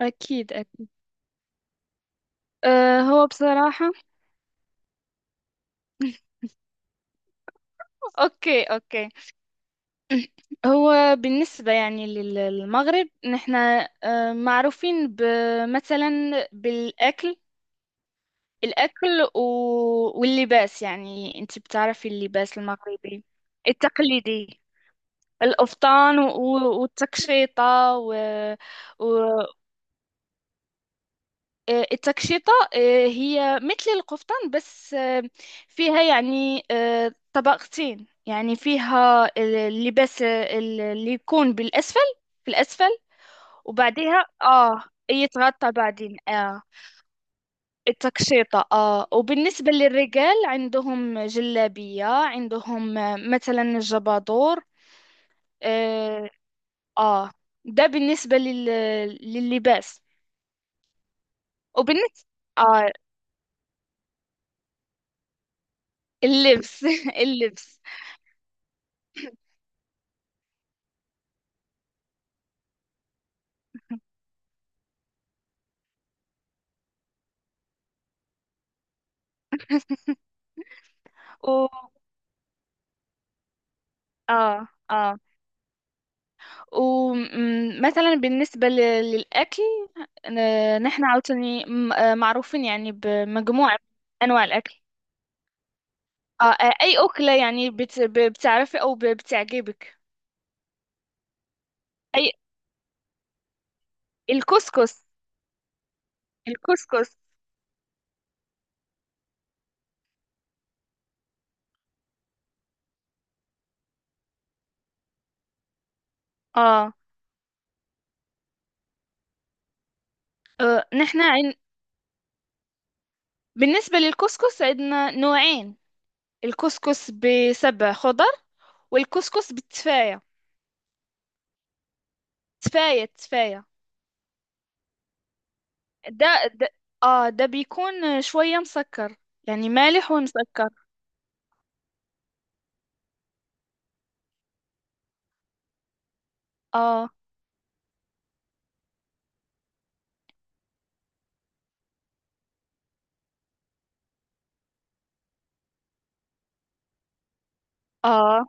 أكيد، أكيد. هو بصراحة. أوكي، أوكي. هو بالنسبة يعني للمغرب، نحن معروفين مثلا بالأكل، الأكل واللباس. يعني أنت بتعرفي اللباس المغربي التقليدي، القفطان والتكشيطة و... التكشيطة، هي مثل القفطان، بس فيها يعني طبقتين، يعني فيها اللباس اللي يكون بالأسفل، في الأسفل، وبعديها يتغطى بعدين، التكشيطة. وبالنسبة للرجال، عندهم جلابية، عندهم مثلا الجبادور. آه, آه ده بالنسبة لللباس، وبالنسبة آه اللبس اللبس و... اه اه ومثلا بالنسبة للأكل، نحن عاوتاني معروفين يعني بمجموعة من أنواع الأكل. أي أكلة يعني بتعرفي أو بتعجبك؟ أي، الكسكس. الكسكس آه, نحن بالنسبة للكسكس عندنا نوعين: الكسكس بسبع خضر، والكسكس بالتفاية. تفاية، تفاية. ده، اه ده بيكون شوية مسكر، يعني مالح ومسكر. اه اه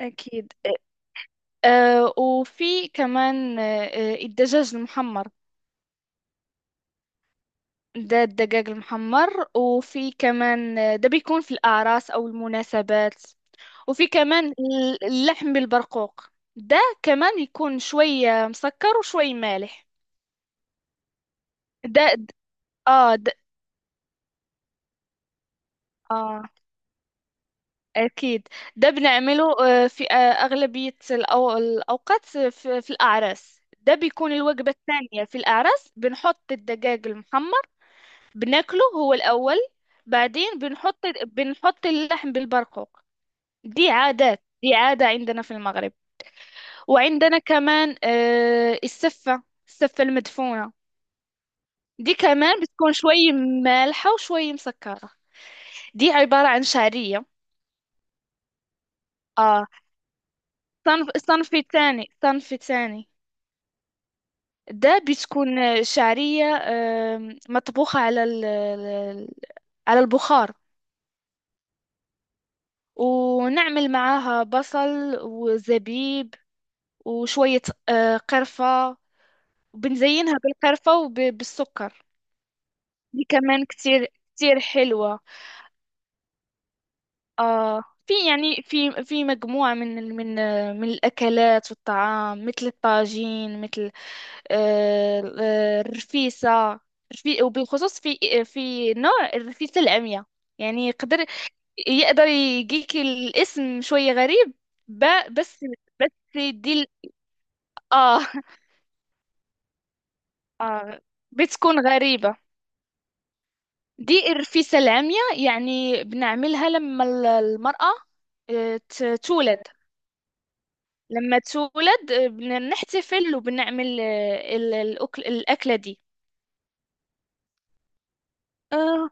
اكيد. وفي كمان، الدجاج المحمر. ده الدجاج المحمر، وفي كمان، ده بيكون في الأعراس أو المناسبات. وفي كمان اللحم بالبرقوق، ده كمان يكون شوية مسكر وشوي مالح. ده د- اه ده اه أكيد، ده بنعمله في أغلبية الأوقات، في في الأعراس ده بيكون الوجبة الثانية. في الأعراس بنحط الدجاج المحمر، بناكله هو الأول، بعدين بنحط اللحم بالبرقوق. دي عادات، دي عادة عندنا في المغرب. وعندنا كمان، السفة، السفة المدفونة، دي كمان بتكون شوي مالحة وشوي مسكرة. دي عبارة عن شعرية. آه صنف ثاني، صنف ثاني. ده بتكون شعرية، مطبوخة على على البخار، ونعمل معاها بصل وزبيب وشوية قرفة، وبنزينها بالقرفة وبالسكر. دي كمان كتير، كتير حلوة. في يعني في مجموعة من من الأكلات والطعام، مثل الطاجين، مثل الرفيسة. وبالخصوص في في نوع الرفيسة العمياء. يعني يقدر يجيك الاسم شوية غريب، بس، بس دي ال- اه اه بتكون غريبة. دي الرفيسة العمياء، يعني بنعملها لما المرأة تولد. لما تولد، بنحتفل وبنعمل، الأكل، الأكلة دي. آه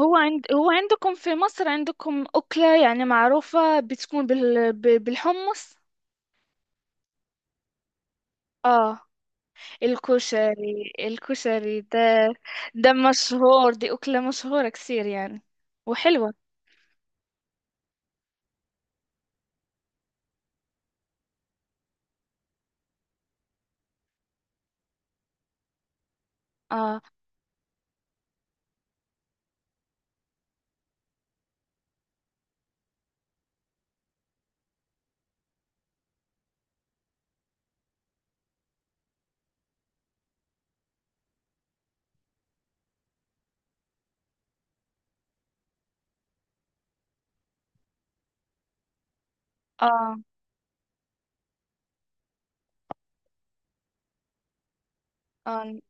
هو عندكم في مصر، عندكم أكلة يعني معروفة بتكون بالحمص؟ اه الكشري ده ده مشهور، دي أكلة مشهورة كثير يعني، وحلوة. اه اه اه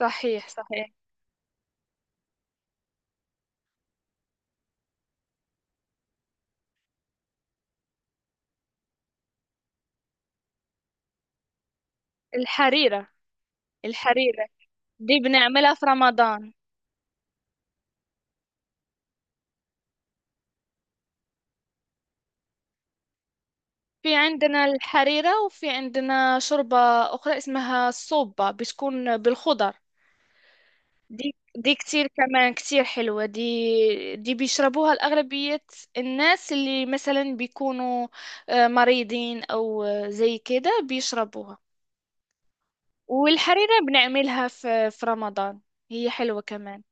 صحيح، صحيح. الحريرة الحريرة دي بنعملها في رمضان، في عندنا الحريرة، وفي عندنا شوربة أخرى اسمها الصوبة، بتكون بالخضر. دي كتير، كمان كتير حلوة. دي بيشربوها الأغلبية، الناس اللي مثلا بيكونوا مريضين أو زي كده بيشربوها. والحريرة بنعملها في رمضان، هي حلوة كمان.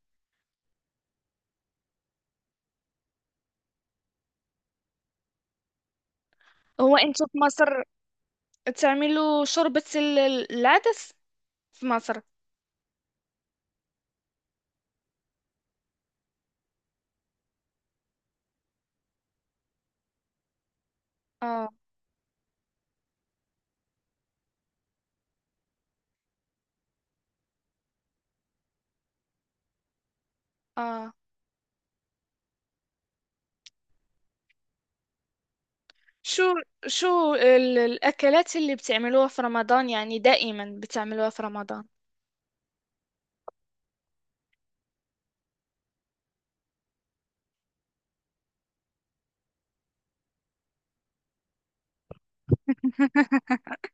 هو انتوا في مصر تعملوا شوربة العدس في مصر؟ اه اه شو شو الأكلات اللي بتعملوها في رمضان؟ يعني دائما بتعملوها في رمضان.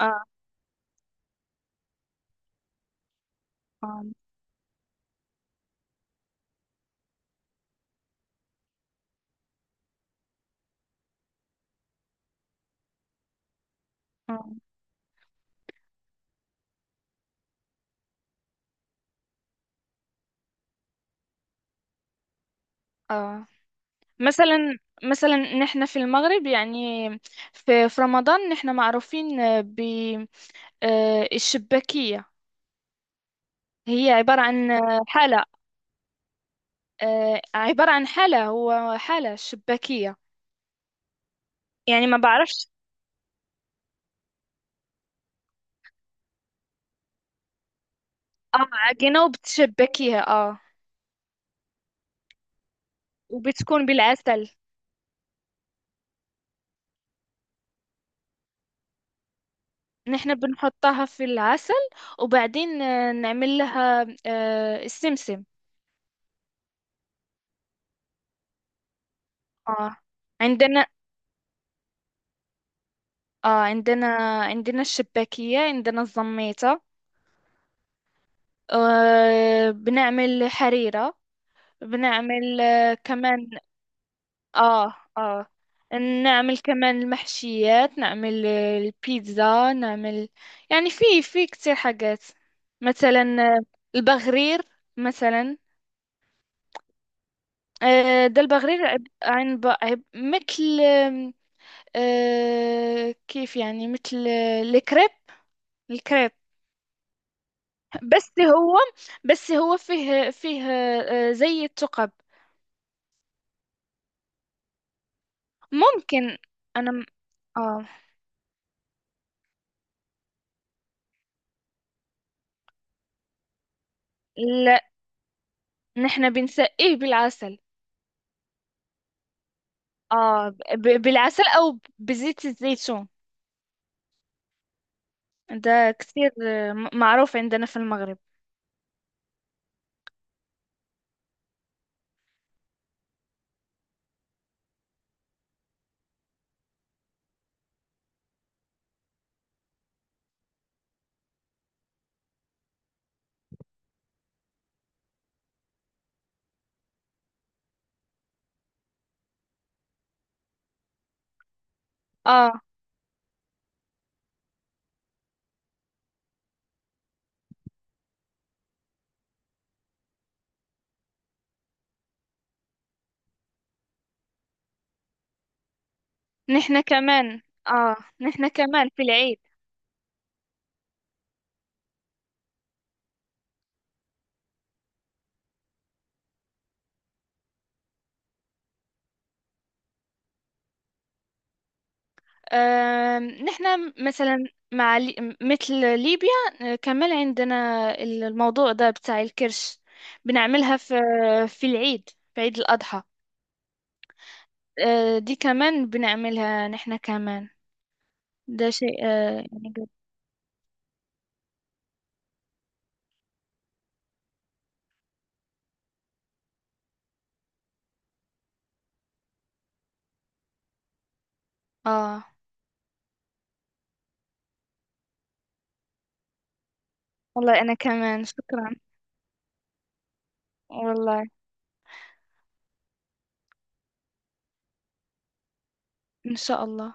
آه آه آه, آه. مثلا، نحن في المغرب يعني في، رمضان نحن معروفين بالشباكية. هي عبارة عن حالة، عبارة عن حالة، هو حالة شباكية. يعني ما بعرفش. عجينة وبتشبكيها، وبتكون بالعسل، نحن بنحطها في العسل، وبعدين نعمل لها السمسم. اه عندنا اه عندنا عندنا الشباكية، عندنا الزميطة. بنعمل حريرة، بنعمل كمان، اه اه نعمل كمان المحشيات، نعمل البيتزا، نعمل يعني في كتير حاجات. مثلا آه، البغرير، مثلا ده البغرير مثل، آم، آه، كيف يعني، مثل الكريب، الكريب. بس هو بس هو فيه زي الثقب. ممكن. انا م- اه لا، نحن بنسقيه بالعسل. اه بالعسل او بزيت الزيتون، ده كثير معروف عندنا في المغرب. اه نحن كمان، اه نحن كمان في العيد. نحن مثلا مع مثل ليبيا، كمان عندنا الموضوع ده بتاع الكرش، بنعملها في العيد، في عيد الأضحى. دي كمان بنعملها نحن كمان، ده شيء يعني جد. اه والله، أنا كمان شكرا. والله، إن شاء الله.